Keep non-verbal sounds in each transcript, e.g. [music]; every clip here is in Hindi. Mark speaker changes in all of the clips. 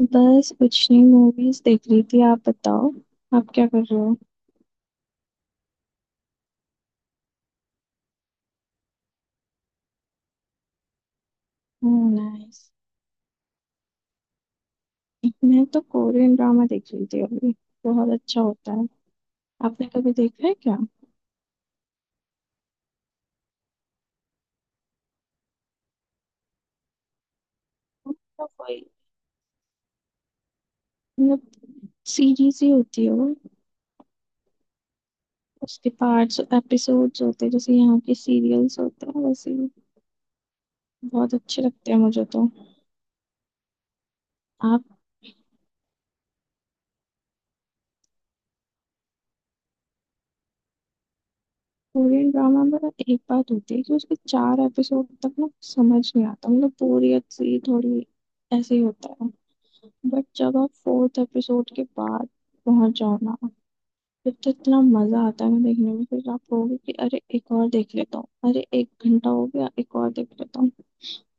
Speaker 1: बस कुछ नहीं, मूवीज देख रही थी। आप बताओ, आप क्या कर रहे हो? नाइस। मैं तो कोरियन ड्रामा देख रही थी अभी। बहुत अच्छा होता है। आपने कभी देखा है क्या? मतलब वही मतलब सीरीज ही होती है वो। उसके पार्ट्स एपिसोड्स होते हैं, जैसे यहाँ के सीरियल्स होते हैं वैसे ही। बहुत अच्छे लगते हैं मुझे तो। आप कोरियन ड्रामा में ना, एक बात होती है कि उसके चार एपिसोड तक ना समझ नहीं आता, मतलब बोरियत सी थोड़ी ऐसे ही होता है। बट जब आप फोर्थ एपिसोड के बाद पहुंच जाओ ना, फिर तो इतना मजा आता है ना देखने में। फिर आप कहोगे कि अरे एक और देख लेता हूँ, अरे एक घंटा हो गया, एक और देख लेता हूँ।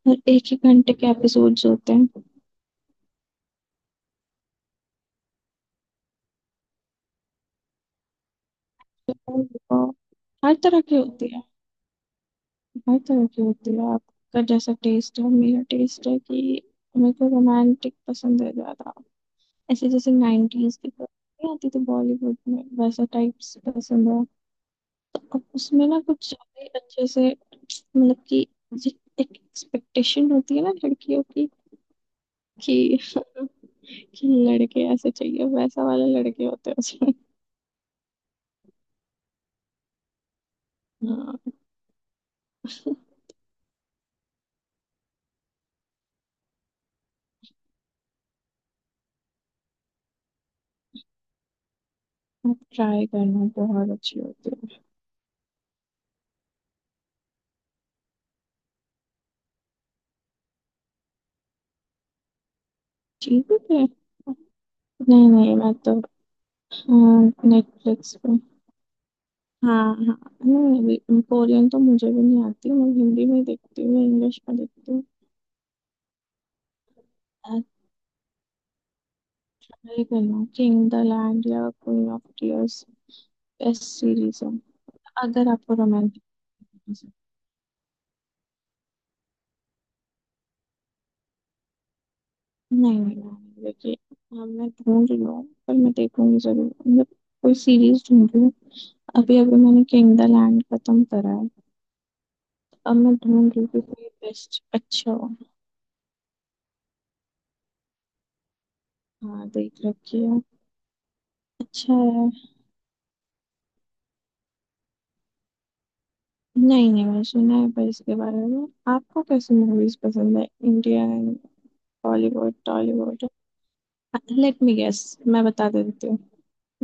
Speaker 1: और एक ही घंटे के एपिसोड्स होते हैं। तो हर तरह की होती है। हर तरह की होती है। आपका जैसा टेस्ट है, मेरा टेस्ट है कि मेरे को रोमांटिक पसंद है ज्यादा। ऐसे जैसे नाइनटीज की फिल्म नहीं आती थी बॉलीवुड में, वैसा टाइप्स पसंद है। अब उसमें ना कुछ ज्यादा ही अच्छे से, मतलब कि जि- एक एक्सपेक्टेशन होती है ना लड़कियों की कि [laughs] कि लड़के ऐसे चाहिए, वैसा वाले लड़के होते हैं उसमें। हाँ, आप ट्राई करना, बहुत अच्छी होती है। ठीक है। नहीं नहीं, मैं तो नेटफ्लिक्स पे। हाँ हाँ। नहीं, कोरियन तो मुझे भी नहीं आती, मैं हिंदी में ही देखती हूँ, इंग्लिश में देखती हूँ। ट्राई करना, किंग द लैंड या Queen of Tears, best series है। अगर आपको रोमांटिक। नहीं नहीं नहीं, देखिए। हाँ, मैं ढूंढ रही हूँ पर मैं देखूंगी जरूर, मतलब कोई सीरीज ढूंढ रही हूँ। अभी अभी मैंने किंग द लैंड खत्म करा है। अब मैं ढूंढ रही हूँ कि कोई बेस्ट अच्छा हो। हाँ, देख रखी है। अच्छा है। नहीं नहीं, मैंने सुना है पर इसके बारे में। आपको कैसी मूवीज पसंद है? Indian, Bollywood, Tollywood? Let me guess, मैं बता देती हूँ।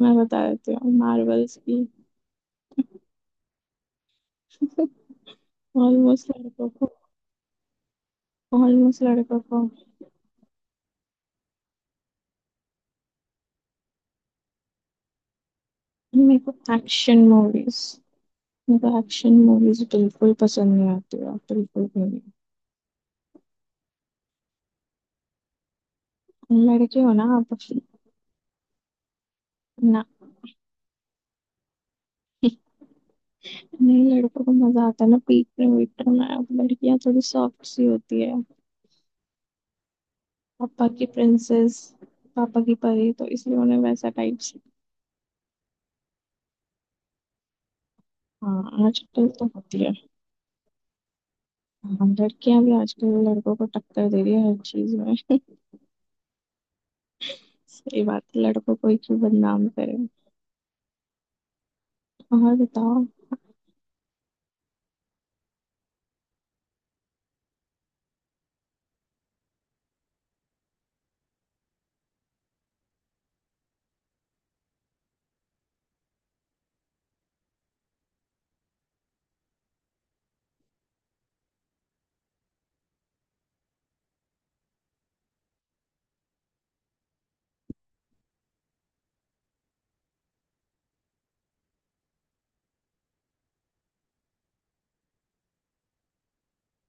Speaker 1: मैं बता देती हूँ, मार्वल्स की। [laughs] ऑलमोस्ट लड़कों को। ऑलमोस्ट लड़कों को। मेरे को एक्शन मूवीज मेरे को एक्शन मूवीज बिल्कुल पसंद नहीं आती है, बिल्कुल भी। नहीं, लड़के हो ना आप। ना, नहीं, लड़कों को मजा आता है ना पीटने वीटने में। अब लड़कियां थोड़ी सॉफ्ट सी होती है, पापा की प्रिंसेस, पापा की परी, तो इसलिए उन्हें वैसा टाइप से। हाँ आजकल तो होती है। हाँ, लड़कियां भी आजकल लड़कों को टक्कर दे रही है हर चीज में। सही बात है, लड़कों को ही क्यों बदनाम करें। और बताओ।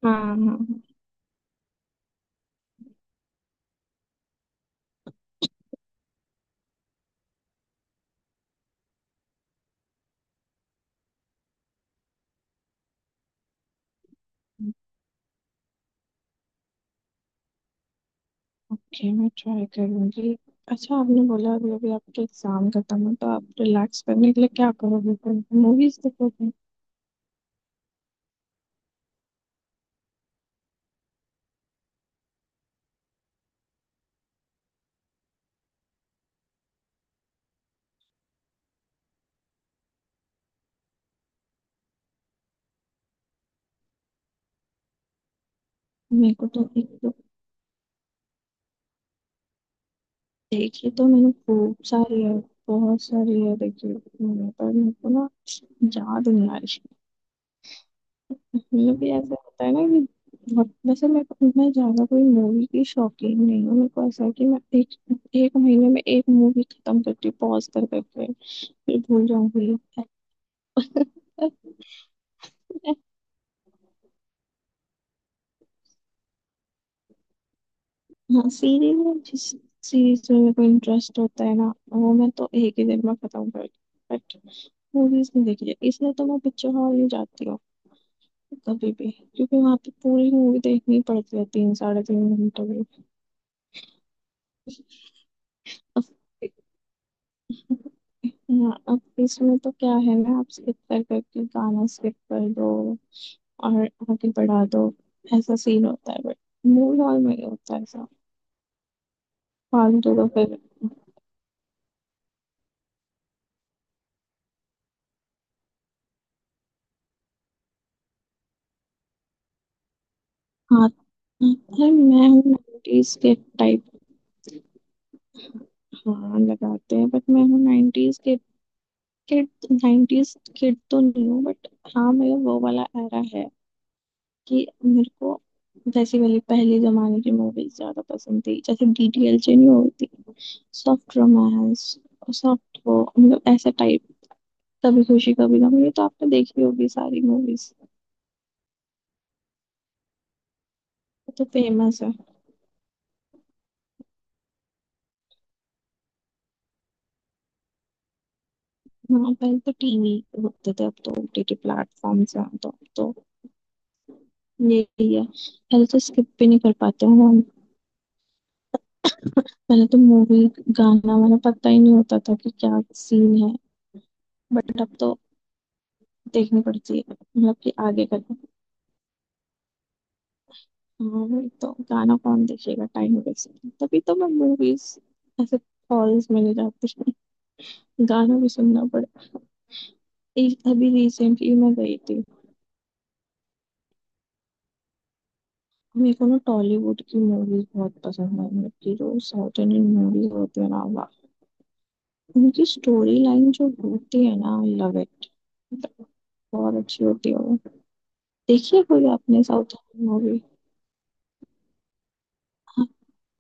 Speaker 1: हाँ हाँ हाँ। ओके, मैं ट्राई करूंगी। अच्छा, आपने बोला अभी अभी आपके एग्जाम खत्म है, तो आप रिलैक्स करने के लिए क्या करोगे? मूवीज देखोगे? मेरे को तो एक तो, देखी तो मैंने खूब सारी है, बहुत सारी है देखी मैंने, पर मेरे को ना याद नहीं आ रही। मतलब कि ऐसा होता है ना कि बहुत, वैसे मैं ज्यादा कोई मूवी की शौकीन नहीं हूँ। मेरे को ऐसा है कि मैं एक एक महीने में एक मूवी खत्म करती हूँ पॉज कर करके, फिर भूल जाऊंगी। [laughs] हाँ, सीरीज में मेरे को इंटरेस्ट होता है ना, वो मैं तो एक ही दिन में खत्म कर। बट मूवीज नहीं देखी जाती, इसलिए तो मैं पिक्चर हॉल नहीं जाती हूँ कभी भी, क्योंकि वहां पे पूरी मूवी देखनी पड़ती है तीन साढ़े तीन घंटे की। अब हाँ, अब इसमें तो क्या है ना, आप स्किप कर करके गाना स्किप कर दो और आगे बढ़ा दो, ऐसा सीन होता है। बट मूवी हॉल में नहीं होता ऐसा, फालतू का फिर। हाँ। हाँ, मैं हूँ 90s के। हाँ, लगाते हैं बट मैं हूँ 90s kid, kid 90s kid तो नहीं हूँ बट हाँ, मेरा वो वाला एरा है कि मेरे को जैसी वाली पहले जमाने की मूवीज ज्यादा पसंद थी, जैसे डीडीएलजे नहीं होती, सॉफ्ट रोमांस, सॉफ्ट वो, मतलब ऐसा टाइप। कभी खुशी कभी गम, ये तो आपने देखी होगी, सारी मूवीज तो फेमस है। हाँ, पहले तो टीवी होते थे, अब तो ओटीटी प्लेटफॉर्म्स हैं, तो यही है। पहले तो स्किप भी नहीं कर पाते हैं, पहले तो मूवी गाना वाना पता ही नहीं होता था कि क्या सीन है। बट अब तो देखनी पड़ती है, मतलब कि आगे करके। हाँ वही तो, गाना कौन देखेगा, टाइम वेस्ट। तभी तो मैं मूवीज ऐसे हॉल्स में नहीं जाती हूँ। गाना भी सुनना पड़ता। एक अभी रिसेंटली मैं गई थी। मेरे को ना टॉलीवुड की मूवीज बहुत पसंद है, मतलब कि जो साउथ इंडियन मूवीज होती है ना, वाह, उनकी स्टोरी लाइन जो होती है ना, आई लव इट। बहुत अच्छी होती है वो। देखिए, कोई आपने South Indian movie,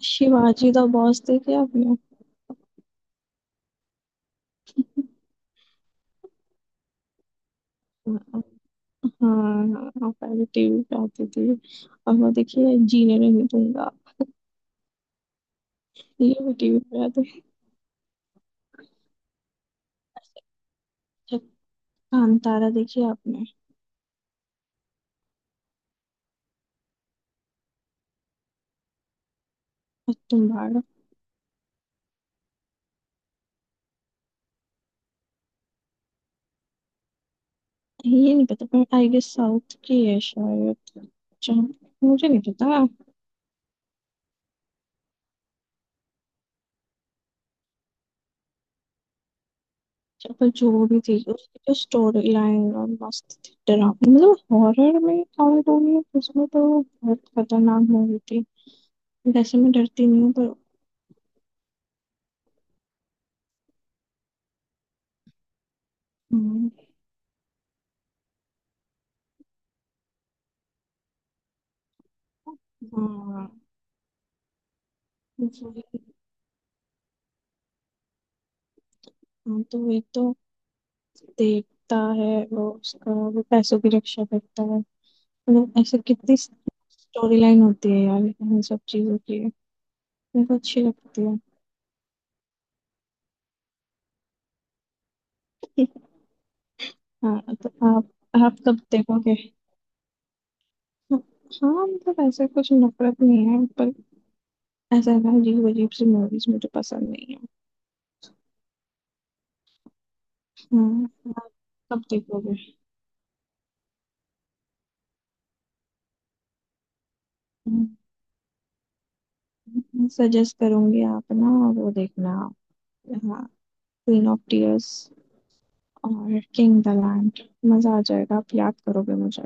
Speaker 1: Shivaji the Boss देखी आपने? हाँ हाँ, हाँ पहले टीवी पे आती थी। और वो देखिए, जीने नहीं दूंगा, ये भी टीवी पे आते। अच्छा, कांतारा देखी आपने? और तुम भाड़, ये नहीं पता पर आई गेस साउथ की है शायद। अच्छा, मुझे नहीं पता। अच्छा, पर जो भी थी, उसकी जो स्टोरी लाइन और मस्त थी, डरावनी, मतलब हॉरर में काउंट होगी उसमें, तो बहुत खतरनाक मूवी थी। वैसे मैं डरती नहीं हूँ पर। हम्म। हाँ वही- हाँ, तो वही तो देवता है, वो उसका वो पैसों की रक्षा करता है। मतलब ऐसे कितनी स्टोरी लाइन होती है यार इन सब चीजों की, मेरे को अच्छी लगती है। [laughs] हाँ तो आप आप कब देखोगे? हाँ मतलब ऐसा कुछ नफरत नहीं है, पर ऐसा है ना, अजीब अजीब सी मूवीज मुझे पसंद नहीं है। हाँ, आप कब देखोगे? [laughs] सजेस्ट करूंगी आप ना, वो देखना, हाँ, क्वीन ऑफ टीयर्स और किंग द लैंड, मजा आ जाएगा, आप याद करोगे मुझे।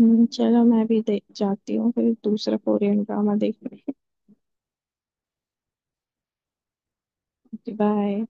Speaker 1: चलो, मैं भी देख जाती हूँ फिर दूसरा कोरियन ड्रामा देखने। बाय।